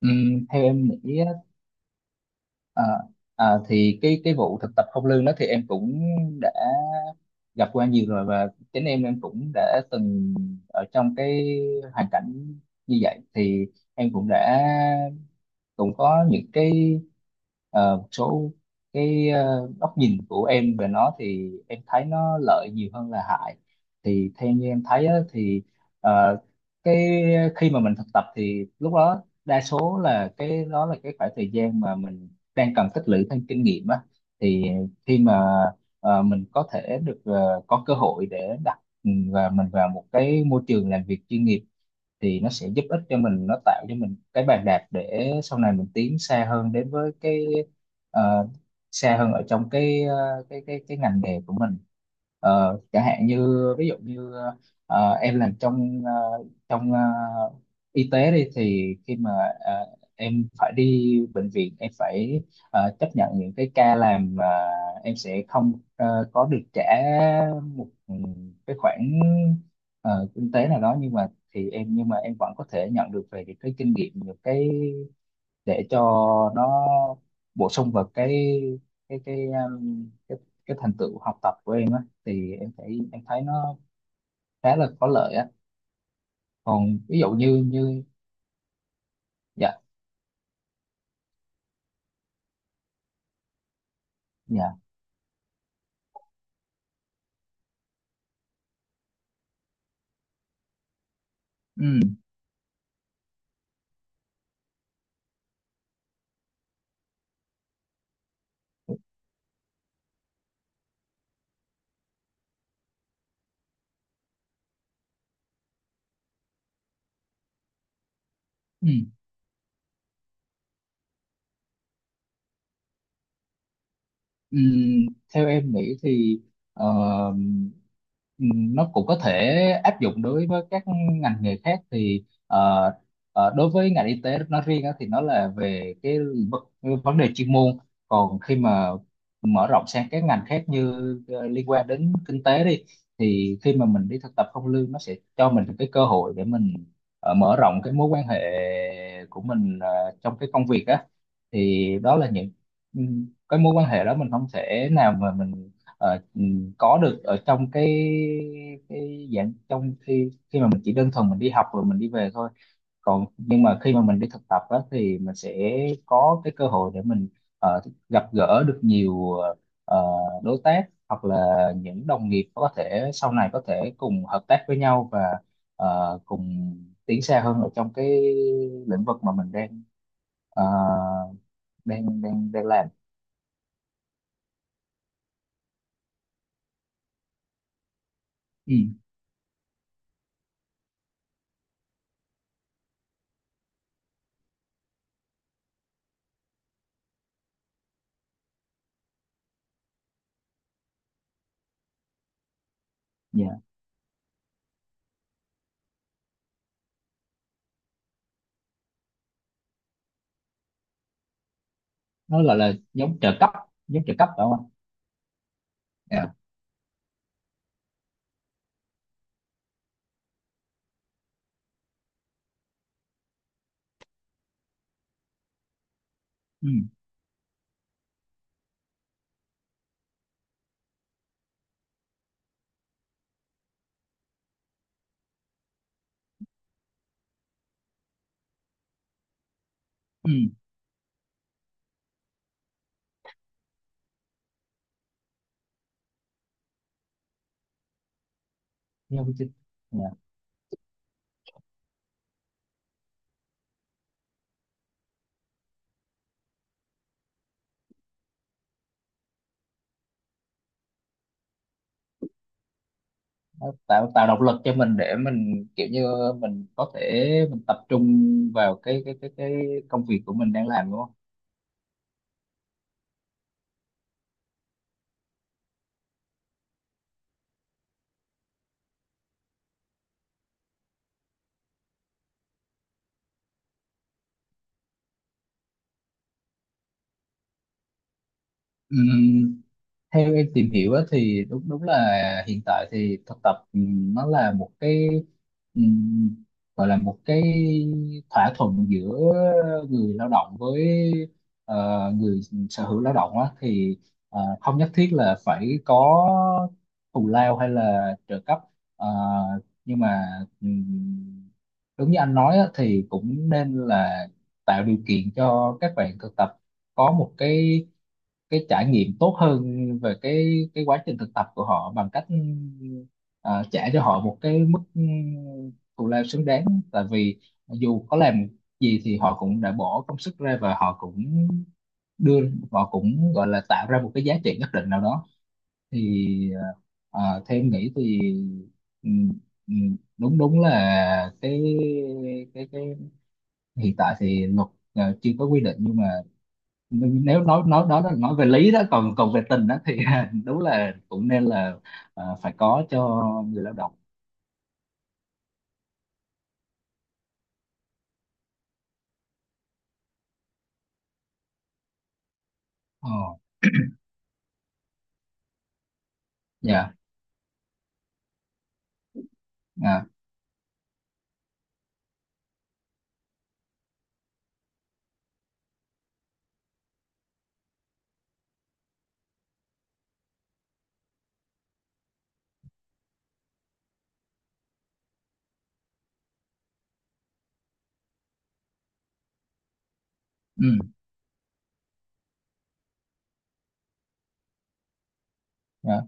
Theo em nghĩ á, à, thì cái vụ thực tập không lương đó thì em cũng đã gặp qua nhiều rồi, và chính em cũng đã từng ở trong cái hoàn cảnh như vậy. Thì em cũng cũng có những cái một số cái góc nhìn của em về nó, thì em thấy nó lợi nhiều hơn là hại. Thì theo như em thấy á, thì ờ, cái khi mà mình thực tập thì lúc đó đa số là cái đó là cái khoảng thời gian mà mình đang cần tích lũy thêm kinh nghiệm á. Thì khi mà mình có thể được có cơ hội để đặt và mình vào một cái môi trường làm việc chuyên nghiệp, thì nó sẽ giúp ích cho mình, nó tạo cho mình cái bàn đạp để sau này mình tiến xa hơn đến với cái ờ, xa hơn ở trong cái cái ngành nghề của mình. Chẳng hạn như ví dụ như em làm trong trong ờ, y tế đi, thì khi mà ờ, em phải đi bệnh viện, em phải chấp nhận những cái ca làm mà em sẽ không có được trả một cái khoản kinh tế nào đó. Nhưng mà em vẫn có thể nhận được về những cái kinh nghiệm, những cái để cho nó bổ sung vào cái cái thành tựu học tập của em á. Thì em thấy nó khá là có lợi á. Còn ví dụ như như. Dạ, dạ. Ừ, ừ. Ừm, Theo em nghĩ thì ờ, nó cũng có thể áp dụng đối với các ngành nghề khác. Thì đối với ngành y tế nói riêng á, thì nó là về cái vấn đề chuyên môn. Còn khi mà mở rộng sang các ngành khác như liên quan đến kinh tế đi, thì khi mà mình đi thực tập không lương, nó sẽ cho mình cái cơ hội để mình mở rộng cái mối quan hệ của mình trong cái công việc á. Thì đó là những cái mối quan hệ đó mình không thể nào mà mình có được ở trong cái dạng, trong khi khi mà mình chỉ đơn thuần mình đi học rồi mình đi về thôi. Còn nhưng mà khi mà mình đi thực tập á, thì mình sẽ có cái cơ hội để mình ờ, gặp gỡ được nhiều ờ, đối tác hoặc là những đồng nghiệp có thể sau này có thể cùng hợp tác với nhau, và cùng tiến xa hơn ở trong cái lĩnh vực mà mình đang ờ, đang làm. Ừ. Dạ. Nó gọi là giống trợ cấp. Giống trợ cấp phải không anh? Dạ. Ừ, ừ. Giống trợ- dạ. Nó tạo tạo động lực cho mình để mình kiểu như mình có thể mình tập trung vào cái công việc của mình đang làm, đúng không? Ừ. Theo em tìm hiểu á, thì đúng đúng là hiện tại thì thực tập nó là một cái, ừm, gọi là một cái thỏa thuận giữa người lao động với ờ, người sở hữu lao động á, thì không nhất thiết là phải có thù lao hay là trợ cấp. Ờ, nhưng mà ừm, đúng như anh nói á, thì cũng nên là tạo điều kiện cho các bạn thực tập có một cái trải nghiệm tốt hơn về cái quá trình thực tập của họ bằng cách ờ, trả cho họ một cái mức thù lao xứng đáng, tại vì dù có làm gì thì họ cũng đã bỏ công sức ra, và họ cũng đưa, họ cũng gọi là tạo ra một cái giá trị nhất định nào đó. Thì theo em nghĩ thì ừm, đúng đúng là cái hiện tại thì luật chưa có quy định. Nhưng mà nếu nói đó là nói về lý đó, còn còn về tình đó thì đúng là cũng nên là phải có cho người lao động. Ờ. Dạ. À. Ừ. Dạ.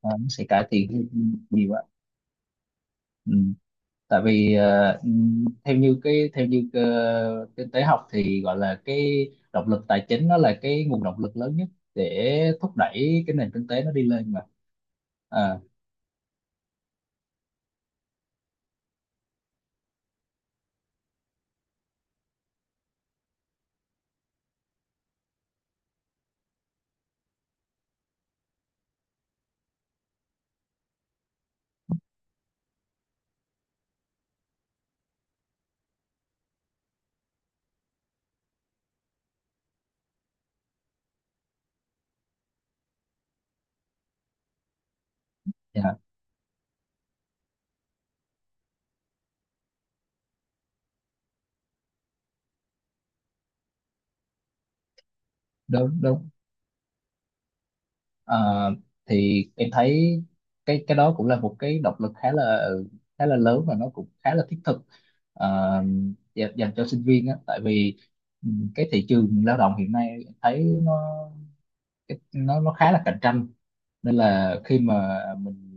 Ờ, nó sẽ cải thiện nhiều quá. Ừ. Tại vì theo như cái, kinh tế học thì gọi là cái động lực tài chính, nó là cái nguồn động lực lớn nhất để thúc đẩy cái nền kinh tế nó đi lên mà. À. Dạ. Đúng, đúng. Ờ, thì em thấy cái đó cũng là một cái động lực khá là lớn, và nó cũng khá là thiết thực. ờ, Dành cho sinh viên á, tại vì ừ, cái thị trường lao động hiện nay em thấy nó khá là cạnh tranh. Nên là khi mà mình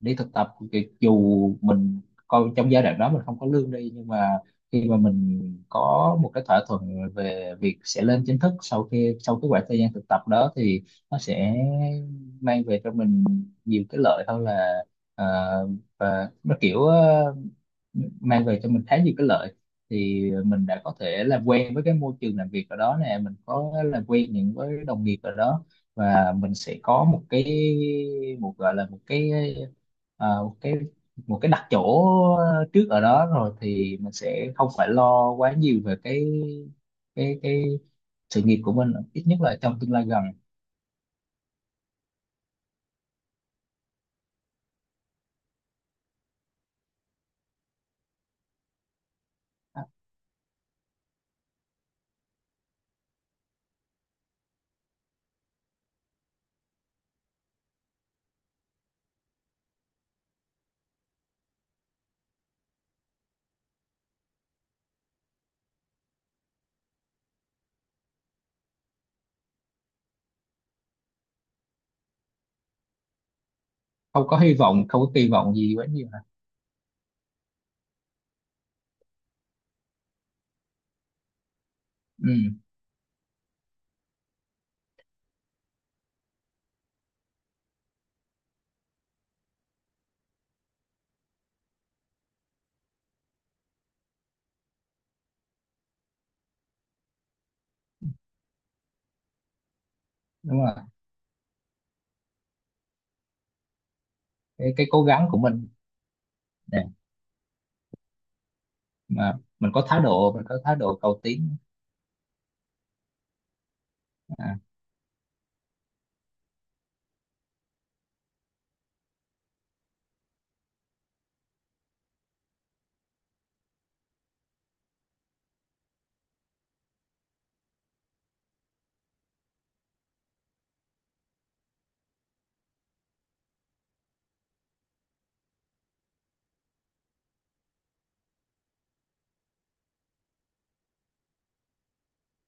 đi thực tập thì dù mình coi trong giai đoạn đó mình không có lương đi, nhưng mà khi mà mình có một cái thỏa thuận về việc sẽ lên chính thức sau cái khoảng thời gian thực tập đó thì nó sẽ mang về cho mình nhiều cái lợi hơn là ờ, và nó kiểu mang về cho mình khá nhiều cái lợi. Thì mình đã có thể làm quen với cái môi trường làm việc ở đó nè, mình có làm quen những với đồng nghiệp ở đó, và mình sẽ có một, gọi là một cái, à, một cái một cái đặt chỗ trước ở đó rồi, thì mình sẽ không phải lo quá nhiều về cái sự nghiệp của mình, ít nhất là trong tương lai gần. Không có hy vọng, không có kỳ vọng gì quá nhiều hả? Ừ. Đúng rồi. Cái cố gắng của mình, mà mình có thái độ cầu tiến. à,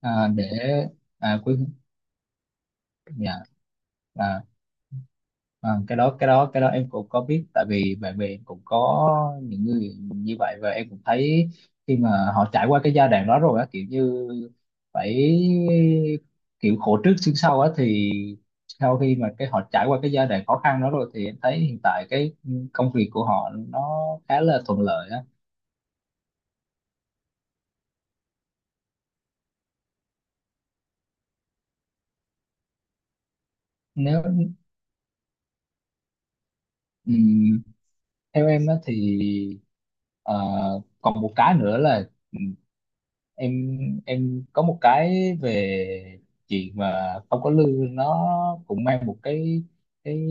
để à, quý Dạ. à, cái đó em cũng có biết, tại vì bạn bè em cũng có những người như vậy, và em cũng thấy khi mà họ trải qua cái giai đoạn đó rồi á, kiểu như phải, kiểu khổ trước sướng sau á, thì sau khi mà họ trải qua cái giai đoạn khó khăn đó rồi thì em thấy hiện tại cái công việc của họ nó khá là thuận lợi á. nếu ừ, Theo em á thì ờ, còn một cái nữa là em em có một cái về chuyện mà không có lương, nó cũng mang một cái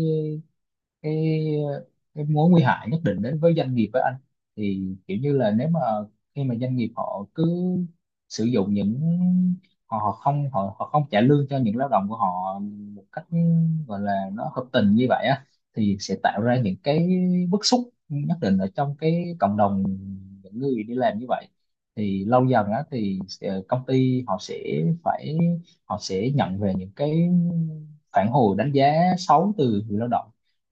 cái cái mối nguy hại nhất định đến với doanh nghiệp, với anh. Thì kiểu như là nếu mà khi mà doanh nghiệp họ cứ sử dụng những, họ, họ không trả lương cho những lao động của họ một cách gọi là nó hợp tình như vậy á, thì sẽ tạo ra những cái bức xúc nhất định ở trong cái cộng đồng những người đi làm như vậy. Thì lâu dần á thì công ty họ sẽ phải họ sẽ nhận về những cái phản hồi đánh giá xấu từ người lao động.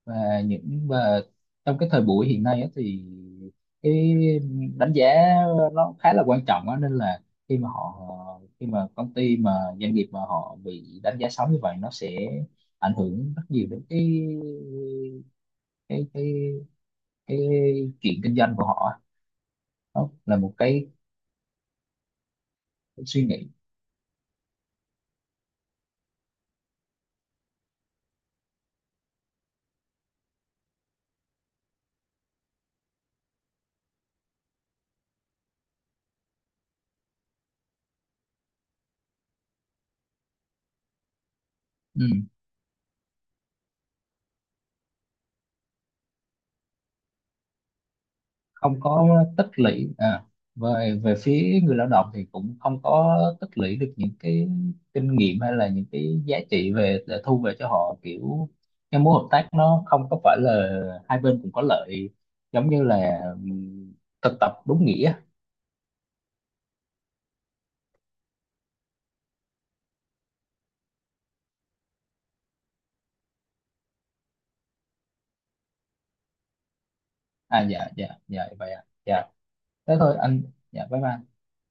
Và trong cái thời buổi hiện nay á, thì cái đánh giá nó khá là quan trọng á, nên là khi mà họ khi mà công ty mà doanh nghiệp mà họ bị đánh giá xấu như vậy, nó sẽ ảnh hưởng rất nhiều đến cái cái cái chuyện kinh doanh của họ á. Đó là một cái suy nghĩ. Ừ. Không có tích lũy. Về Về phía người lao động thì cũng không có tích lũy được những cái kinh nghiệm hay là những cái giá trị về để thu về cho họ. Kiểu cái mối hợp tác nó không có phải là hai bên cùng có lợi, giống như là thực tập đúng nghĩa. À, dạ, dạ, dạ, vậy ạ. Dạ. Thế thôi anh. Dạ. Bye bye.